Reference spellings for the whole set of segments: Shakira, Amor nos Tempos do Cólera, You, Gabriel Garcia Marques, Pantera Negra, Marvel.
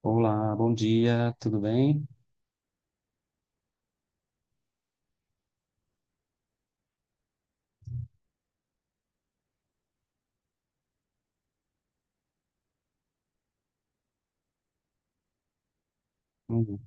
Olá, bom dia, tudo bem? Uhum.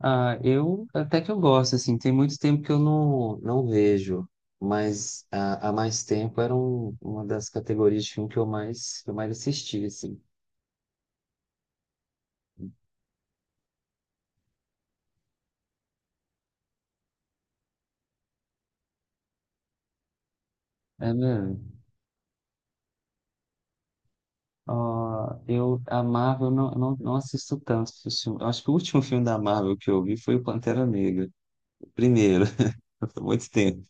Ah, eu até que eu gosto, assim, tem muito tempo que eu não vejo, mas ah, há mais tempo era uma das categorias de filme que eu mais assisti, assim. É mesmo? Ah, eu, a Marvel, eu não assisto tanto filme. Eu acho que o último filme da Marvel que eu vi foi o Pantera Negra, o primeiro, foi muito tempo.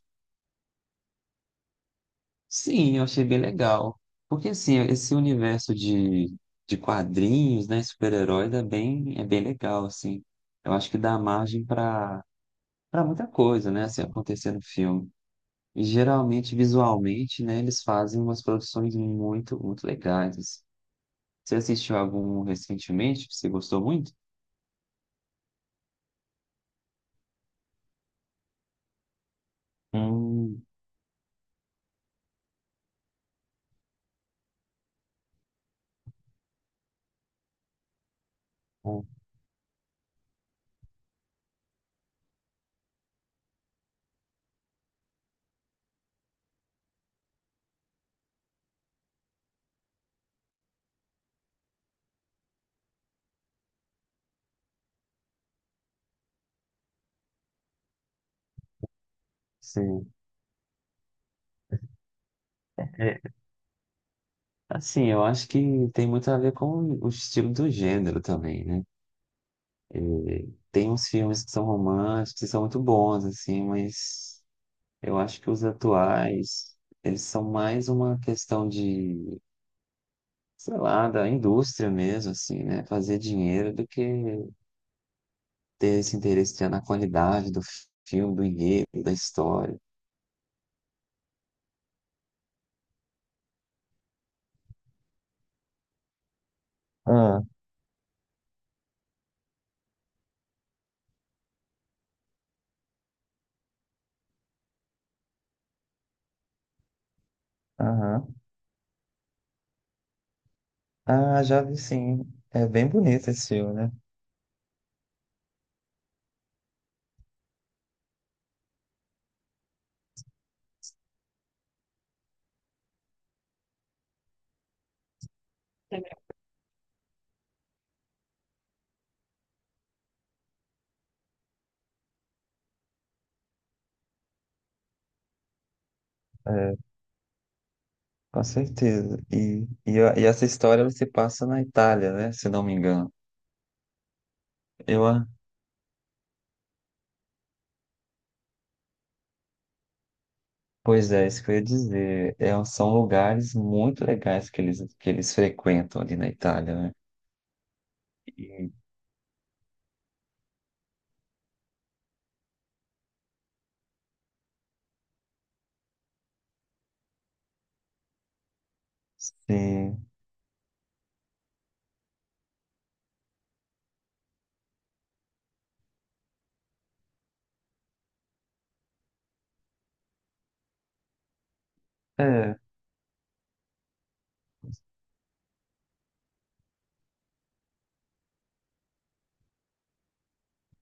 Sim, eu achei bem legal. Porque assim, esse universo de quadrinhos, né, super-heróis é bem legal, assim. Eu acho que dá margem para para muita coisa, né, assim, acontecer no filme. E geralmente, visualmente, né, eles fazem umas produções muito, muito legais. Assim. Você assistiu algum recentemente que você gostou muito? Hum, hum, sim. É, assim, eu acho que tem muito a ver com o estilo do gênero também, né? E tem uns filmes que são românticos e são muito bons, assim, mas eu acho que os atuais, eles são mais uma questão de, sei lá, da indústria mesmo, assim, né? Fazer dinheiro do que ter esse interesse já na qualidade do filme, do enredo, da história. Ah, aham. Ah, já vi sim. É bem bonito esse filme, né? É, com certeza. E essa história ela se passa na Itália, né? Se não me engano. Eu, a- Pois é, isso que eu ia dizer. É, um, são lugares muito legais que eles frequentam ali na Itália, né? E, sim, é,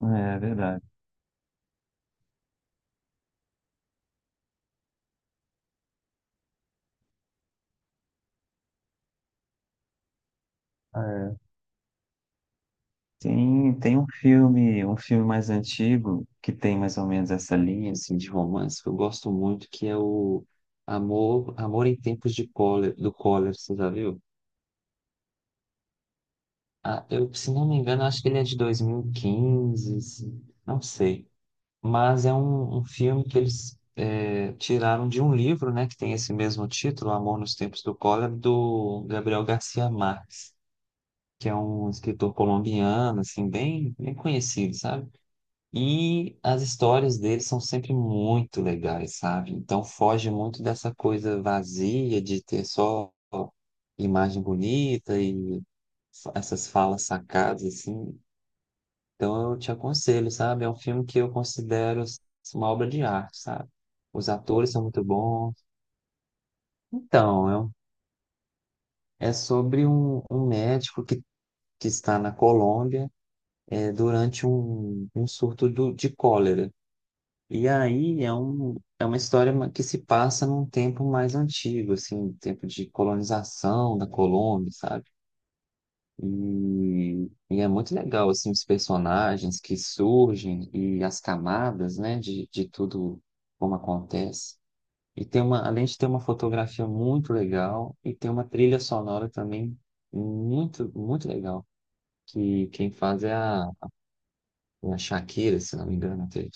é verdade. É. Tem, tem um filme mais antigo que tem mais ou menos essa linha assim, de romance que eu gosto muito, que é o Amor, Amor em Tempos de Cólera, do Cólera, você já viu? Ah, eu, se não me engano, acho que ele é de 2015, não sei. Mas é um, um filme que eles é, tiraram de um livro, né, que tem esse mesmo título, Amor nos Tempos do Cólera, do Gabriel Garcia Marques, que é um escritor colombiano, assim, bem, bem conhecido, sabe? E as histórias dele são sempre muito legais, sabe? Então foge muito dessa coisa vazia de ter só imagem bonita e essas falas sacadas, assim, então eu te aconselho, sabe? É um filme que eu considero assim, uma obra de arte, sabe? Os atores são muito bons. Então, é, é sobre um, um médico que está na Colômbia é, durante um, um surto de cólera. E aí é, um, é uma história que se passa num tempo mais antigo, assim, tempo de colonização da Colômbia, sabe? E é muito legal, assim, os personagens que surgem e as camadas, né, de tudo como acontece. E tem uma, além de ter uma fotografia muito legal, e tem uma trilha sonora também muito, muito legal, que quem faz é a, é a Shakira, se não me engano, até.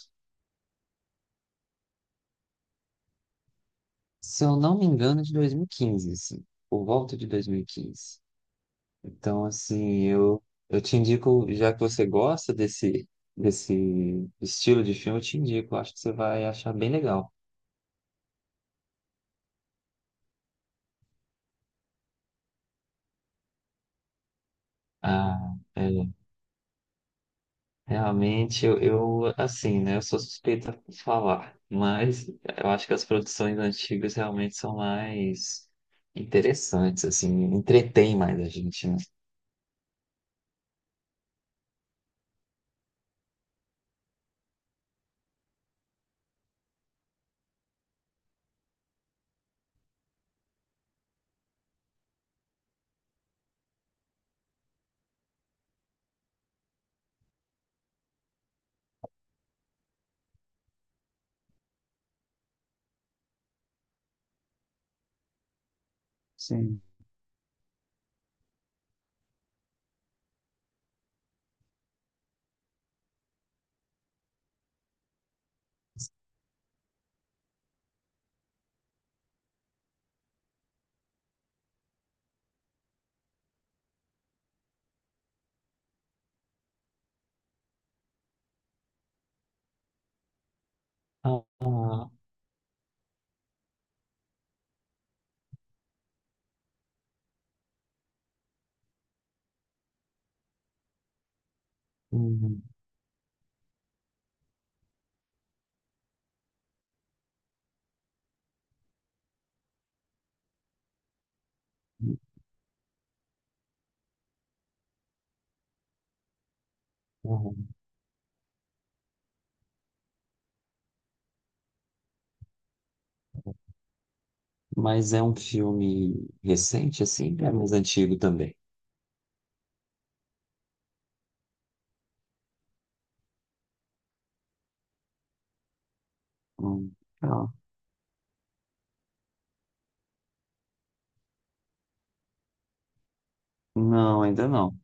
Se eu não me engano, é de 2015, assim, por volta de 2015. Então, assim, eu te indico, já que você gosta desse, desse estilo de filme, eu te indico, eu acho que você vai achar bem legal. Ah, é, realmente, eu, assim, né, eu sou suspeita por falar, mas eu acho que as produções antigas realmente são mais interessantes, assim, entretêm mais a gente, né? Sim. Ah, ah, hum, hum. Mas é um filme recente, assim, é mais antigo também. Hum. Não, ainda não.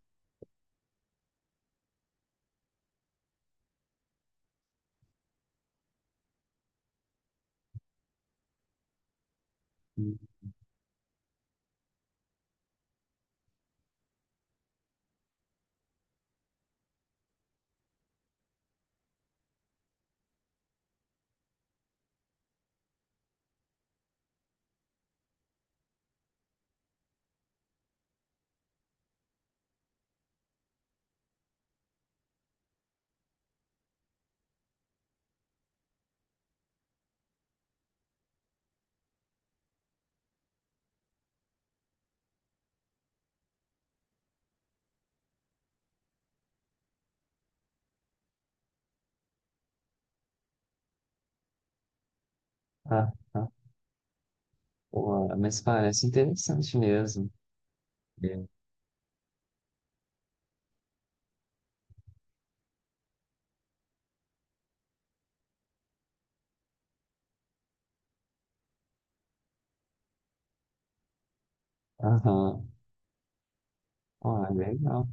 Ah, tá. Pô, mas parece interessante mesmo. É. Aham. Ah, legal.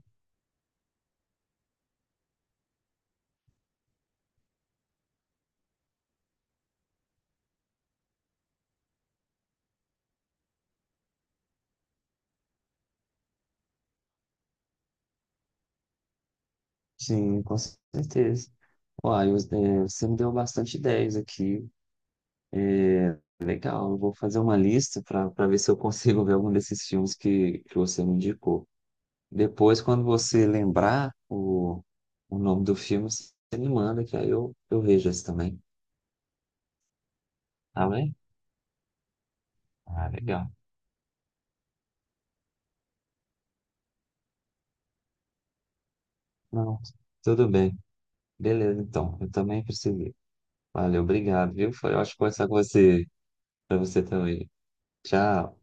Sim, com certeza. Uai, é, você me deu bastante ideias aqui. É, legal, eu vou fazer uma lista para para ver se eu consigo ver algum desses filmes que você me indicou. Depois, quando você lembrar o nome do filme, você me manda, que aí eu vejo esse também. Tá bem? Ah, legal. Não, tudo bem. Beleza, então. Eu também preciso. Valeu, obrigado, viu? Foi ótimo conversar com você. Pra você também. Tchau.